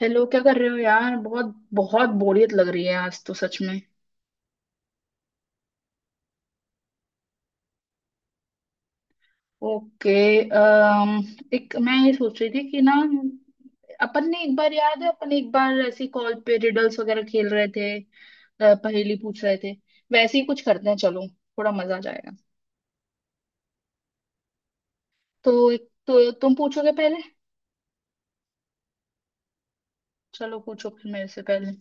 Hello, क्या कर रहे हो यार? बहुत बहुत बोरियत लग रही है आज तो सच में। ओके। अम, एक मैं ये सोच रही थी कि ना, अपन ने एक बार याद है अपन एक बार ऐसी कॉल पे रिडल्स वगैरह खेल रहे थे, पहेली पूछ रहे थे। वैसे ही कुछ करते हैं, चलो थोड़ा मजा आ जाएगा। तो एक तो तुम पूछोगे पहले। चलो पूछो फिर, मेरे से पहले।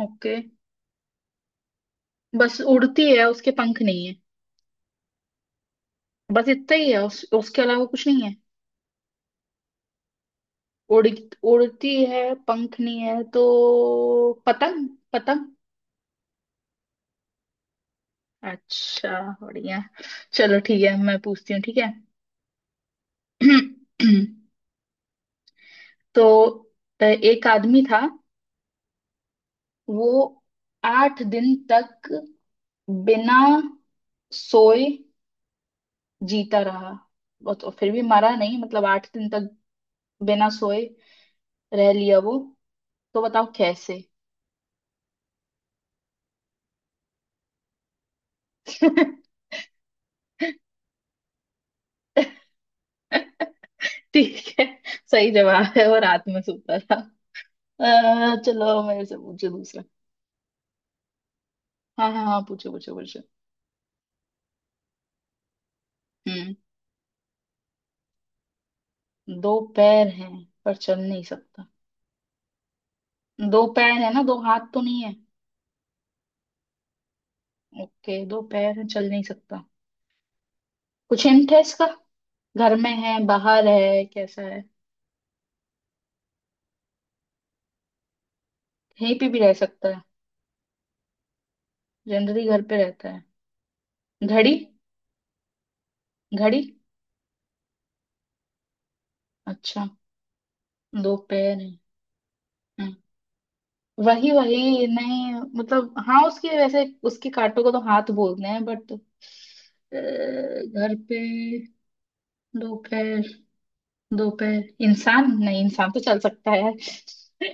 ओके। बस उड़ती है, उसके पंख नहीं है। बस इतना ही है, उसके अलावा कुछ नहीं है। उड़ उड़ती है, पंख नहीं है, तो पतंग पतंग। अच्छा, बढ़िया। चलो ठीक है, मैं पूछती हूँ, ठीक है। तो एक आदमी था, वो 8 दिन तक बिना सोए जीता रहा। वो तो फिर भी मरा नहीं, मतलब 8 दिन तक बिना सोए रह लिया वो, तो बताओ कैसे। ठीक है, सही जवाब है, और रात में सोता था। अ, चलो मेरे से पूछो दूसरा। हाँ, हाँ, हाँ, पूछो, पूछो, पूछो। हम्म। दो पैर हैं, पर चल नहीं सकता। दो पैर है ना, दो हाथ तो नहीं है? ओके, दो पैर है, चल नहीं सकता। कुछ हिंट है इसका? घर में है, बाहर है, कैसा है? कहीं पे भी रह सकता है? जनरली घर पे रहता है? घड़ी? घड़ी? अच्छा। दो पैर है। वही वही नहीं। मतलब हाँ, उसके वैसे उसके कांटों को तो हाथ बोलते हैं, बट घर पे। दो पैर। दो पैर, इंसान नहीं, इंसान तो चल सकता है।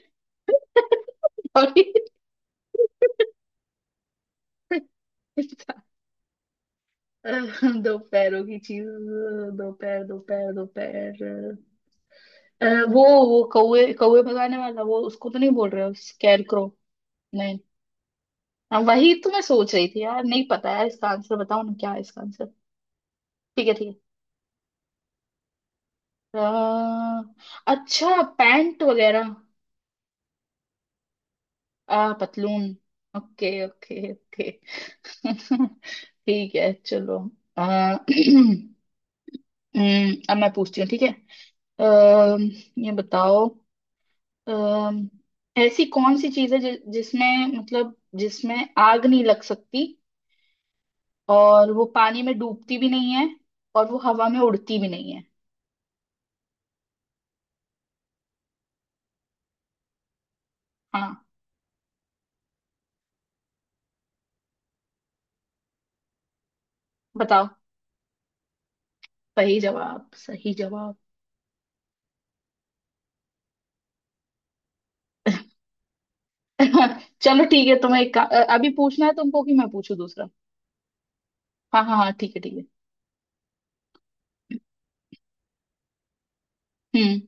Sorry. इंसान- दो पैरों की चीज। दो पैर, दो पैर, दो पैर। अ, वो वो कौवे कौवे भगाने वाला, वो उसको तो नहीं बोल रहे हो? स्कैरक्रो? नहीं। हाँ, वही तो मैं सोच रही थी यार, नहीं पता यार इसका आंसर, बताओ ना क्या है इसका आंसर। ठीक है, ठीक है, अच्छा, पैंट वगैरह? आ, पतलून। Okay, okay, okay. ठीक है, चलो। अ, अब मैं पूछती हूँ, ठीक है। अ, ये बताओ, अ, ऐसी कौन सी चीज है जिसमें, मतलब जिसमें आग नहीं लग सकती, और वो पानी में डूबती भी नहीं है, और वो हवा में उड़ती भी नहीं है? हाँ। बताओ। सही जवाब, सही जवाब। चलो ठीक है, तुम्हें एक अभी पूछना है तुमको कि मैं पूछूं दूसरा? हाँ, हाँ, हाँ, ठीक है, ठीक है। हम्म।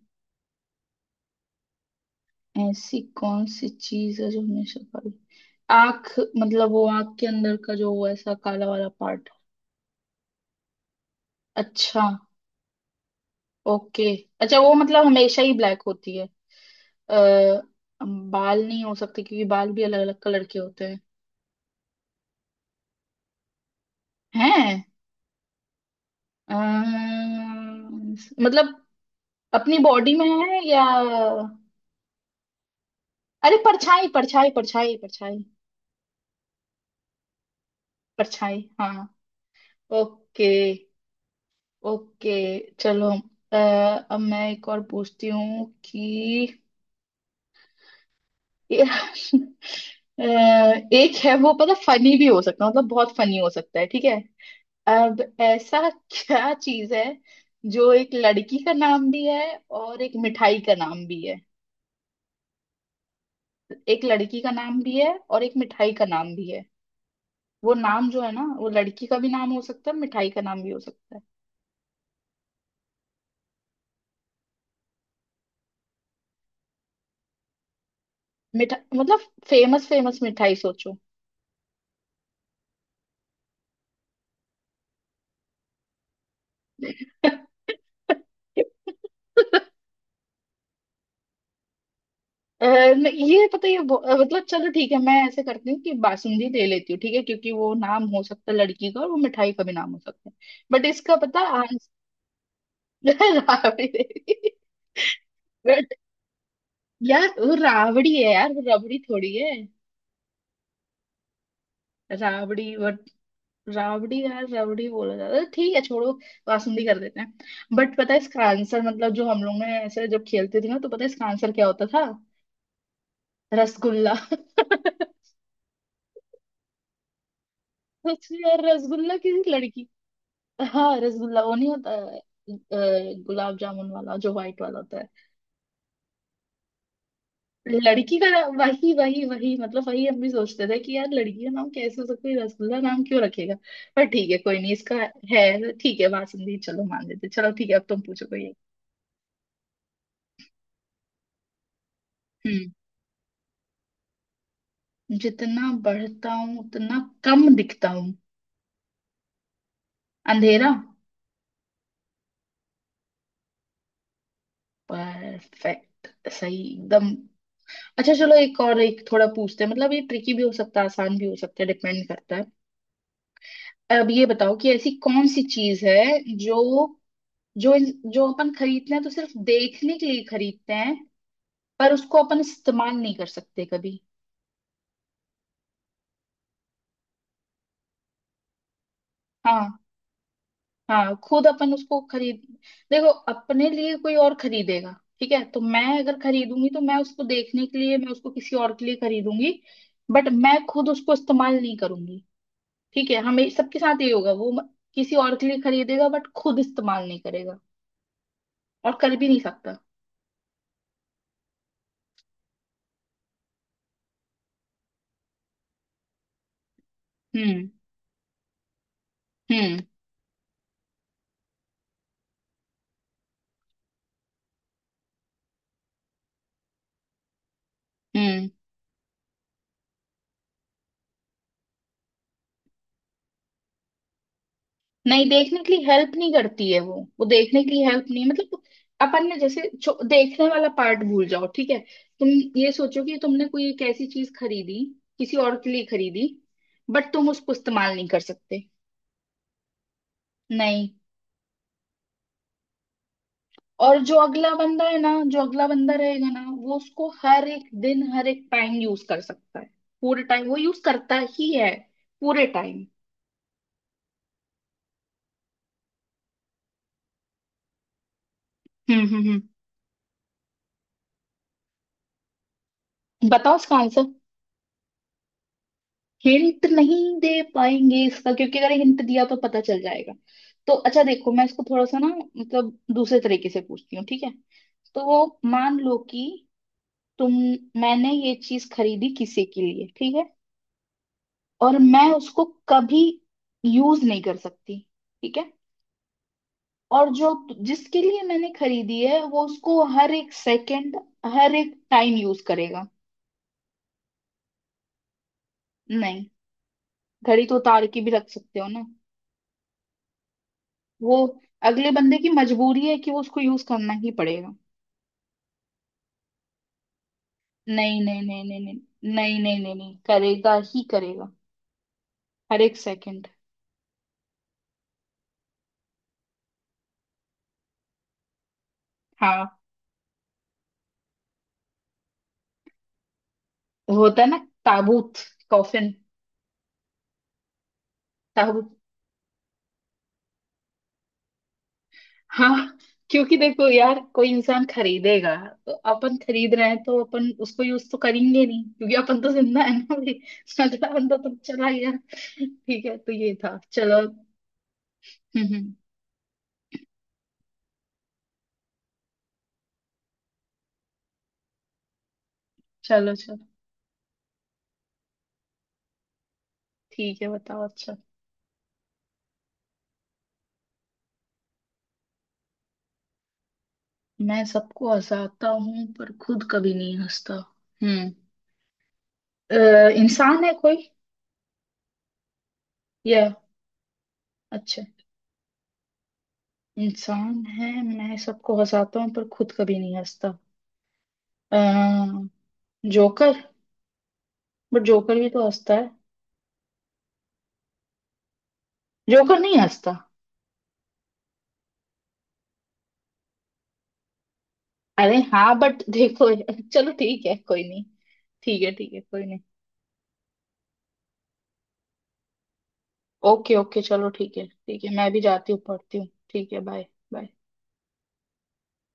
ऐसी कौन सी चीज है जो हमेशा काली? आंख। मतलब वो आंख के अंदर का जो वो ऐसा काला वाला पार्ट। अच्छा। ओके। अच्छा, वो मतलब हमेशा ही ब्लैक होती है? आ, बाल नहीं हो सकते क्योंकि बाल भी अलग अलग कलर के होते हैं। हैं? अम्म, मतलब अपनी बॉडी में है, या अरे परछाई, परछाई, परछाई, परछाई, परछाई! हाँ। ओके। ओके, चलो, अ, अब मैं एक और पूछती हूँ कि ये- अ, एक है, वो पता फनी भी हो सकता है, मतलब बहुत फनी हो सकता है, ठीक है। अब ऐसा क्या चीज है जो एक लड़की का नाम भी है और एक मिठाई का नाम भी है? एक लड़की का नाम भी है और एक मिठाई का नाम भी है। वो नाम जो है ना, वो लड़की का भी नाम हो सकता है, मिठाई का नाम भी हो सकता है। मिठा मतलब, फेमस, फेमस मिठाई सोचो। ये पता है, ये मतलब चलो ठीक है, मैं ऐसे करती हूँ कि बासुंदी ले लेती हूँ, ठीक है, क्योंकि वो नाम हो सकता है लड़की का और वो मिठाई का भी नाम हो सकता है। बट इसका पता आंसर। राबड़ी देवी। बट यार, वो राबड़ी है यार, वो रबड़ी थोड़ी है। राबड़ी, बट राबड़ी यार, रबड़ी बोला जाता है, ठीक है, छोड़ो। बासुंदी कर देते हैं। बट पता है इसका आंसर, मतलब जो हम लोग ने ऐसे जब खेलते थे ना, तो पता है इसका आंसर क्या होता था? रसगुल्ला। सोचो यार, रसगुल्ला किसी लड़की। हाँ, रसगुल्ला वो नहीं होता है, गुलाब जामुन वाला जो व्हाइट वाला होता है। वही वही वही, मतलब वही हम भी सोचते थे कि यार लड़की का नाम कैसे हो सकता है, रसगुल्ला नाम क्यों रखेगा? पर ठीक है, कोई नहीं इसका है, ठीक है, बासुंदी चलो मान लेते, चलो ठीक है, अब तुम पूछो कोई एक। हम्म। जितना बढ़ता हूँ उतना कम दिखता हूँ। अंधेरा। परफेक्ट, सही एकदम। अच्छा चलो, एक और एक थोड़ा पूछते हैं, मतलब ये ट्रिकी भी हो सकता है, आसान भी हो सकता है, डिपेंड करता है। अब ये बताओ कि ऐसी कौन सी चीज है जो जो जो अपन खरीदते हैं तो सिर्फ देखने के लिए खरीदते हैं, पर उसको अपन इस्तेमाल नहीं कर सकते कभी। हाँ, हाँ, खुद अपन उसको खरीद, देखो अपने लिए कोई और खरीदेगा। ठीक है तो मैं अगर खरीदूंगी तो मैं उसको देखने के लिए, मैं उसको किसी और के लिए खरीदूंगी। बट मैं खुद उसको इस्तेमाल नहीं करूंगी। ठीक है, हमें सबके साथ ये होगा, वो किसी और के लिए खरीदेगा, बट खुद इस्तेमाल नहीं करेगा और कर भी नहीं सकता। हम्म, हम्म, हम्म। नहीं, देखने के लिए हेल्प नहीं करती है वो देखने के लिए हेल्प नहीं, मतलब अपन ने जैसे देखने वाला पार्ट भूल जाओ, ठीक है। तुम ये सोचो कि तुमने कोई एक ऐसी चीज खरीदी, किसी और के लिए खरीदी, बट तुम उसको इस्तेमाल नहीं कर सकते। नहीं। और जो अगला बंदा है ना, जो अगला बंदा रहेगा ना, वो उसको हर एक दिन, हर एक टाइम यूज कर सकता है। पूरे टाइम वो यूज करता ही है। पूरे टाइम। हम्म, हम्म, हम्म। बताओ इसका आंसर। हिंट नहीं दे पाएंगे इसका, क्योंकि अगर हिंट दिया तो पता चल जाएगा। तो अच्छा देखो, मैं इसको थोड़ा सा ना, मतलब दूसरे तरीके से पूछती हूँ, ठीक है। तो वो, मान लो कि तुम, मैंने ये चीज खरीदी किसी के लिए, ठीक है, और मैं उसको कभी यूज नहीं कर सकती, ठीक है। और जो जिसके लिए मैंने खरीदी है, वो उसको हर एक सेकंड, हर एक टाइम यूज करेगा। नहीं, घड़ी तो उतार के भी रख सकते हो ना। वो अगले बंदे की मजबूरी है कि वो उसको यूज करना ही पड़ेगा। नहीं, नहीं, नहीं, नहीं, नहीं, नहीं, नहीं, नहीं, नहीं करेगा ही करेगा। हर एक सेकंड। हाँ, वो होता है ना, ताबूत। कॉफिन। ताबूत। हाँ, क्योंकि देखो यार, कोई इंसान खरीदेगा तो अपन खरीद रहे हैं तो अपन उसको यूज तो करेंगे नहीं, क्योंकि अपन तो जिंदा है ना भाई। अगला बंदा तो चला गया। ठीक है, तो ये था, चलो। हम्म, हम्म। चलो, चलो। ठीक है, बताओ अच्छा। मैं सबको हंसाता हूँ पर खुद कभी नहीं हंसता। हम्म। इंसान है कोई, या? अच्छा, इंसान है, मैं सबको हंसाता हूँ पर खुद कभी नहीं हंसता। अ, जोकर। बट जोकर भी तो हंसता है। जोकर नहीं हंसता? अरे हाँ, बट देखो। चलो ठीक है, कोई नहीं। ठीक है, ठीक है, कोई नहीं। ओके, ओके, चलो ठीक है, ठीक है, मैं भी जाती हूँ, पढ़ती हूँ, ठीक है, बाय। बाय।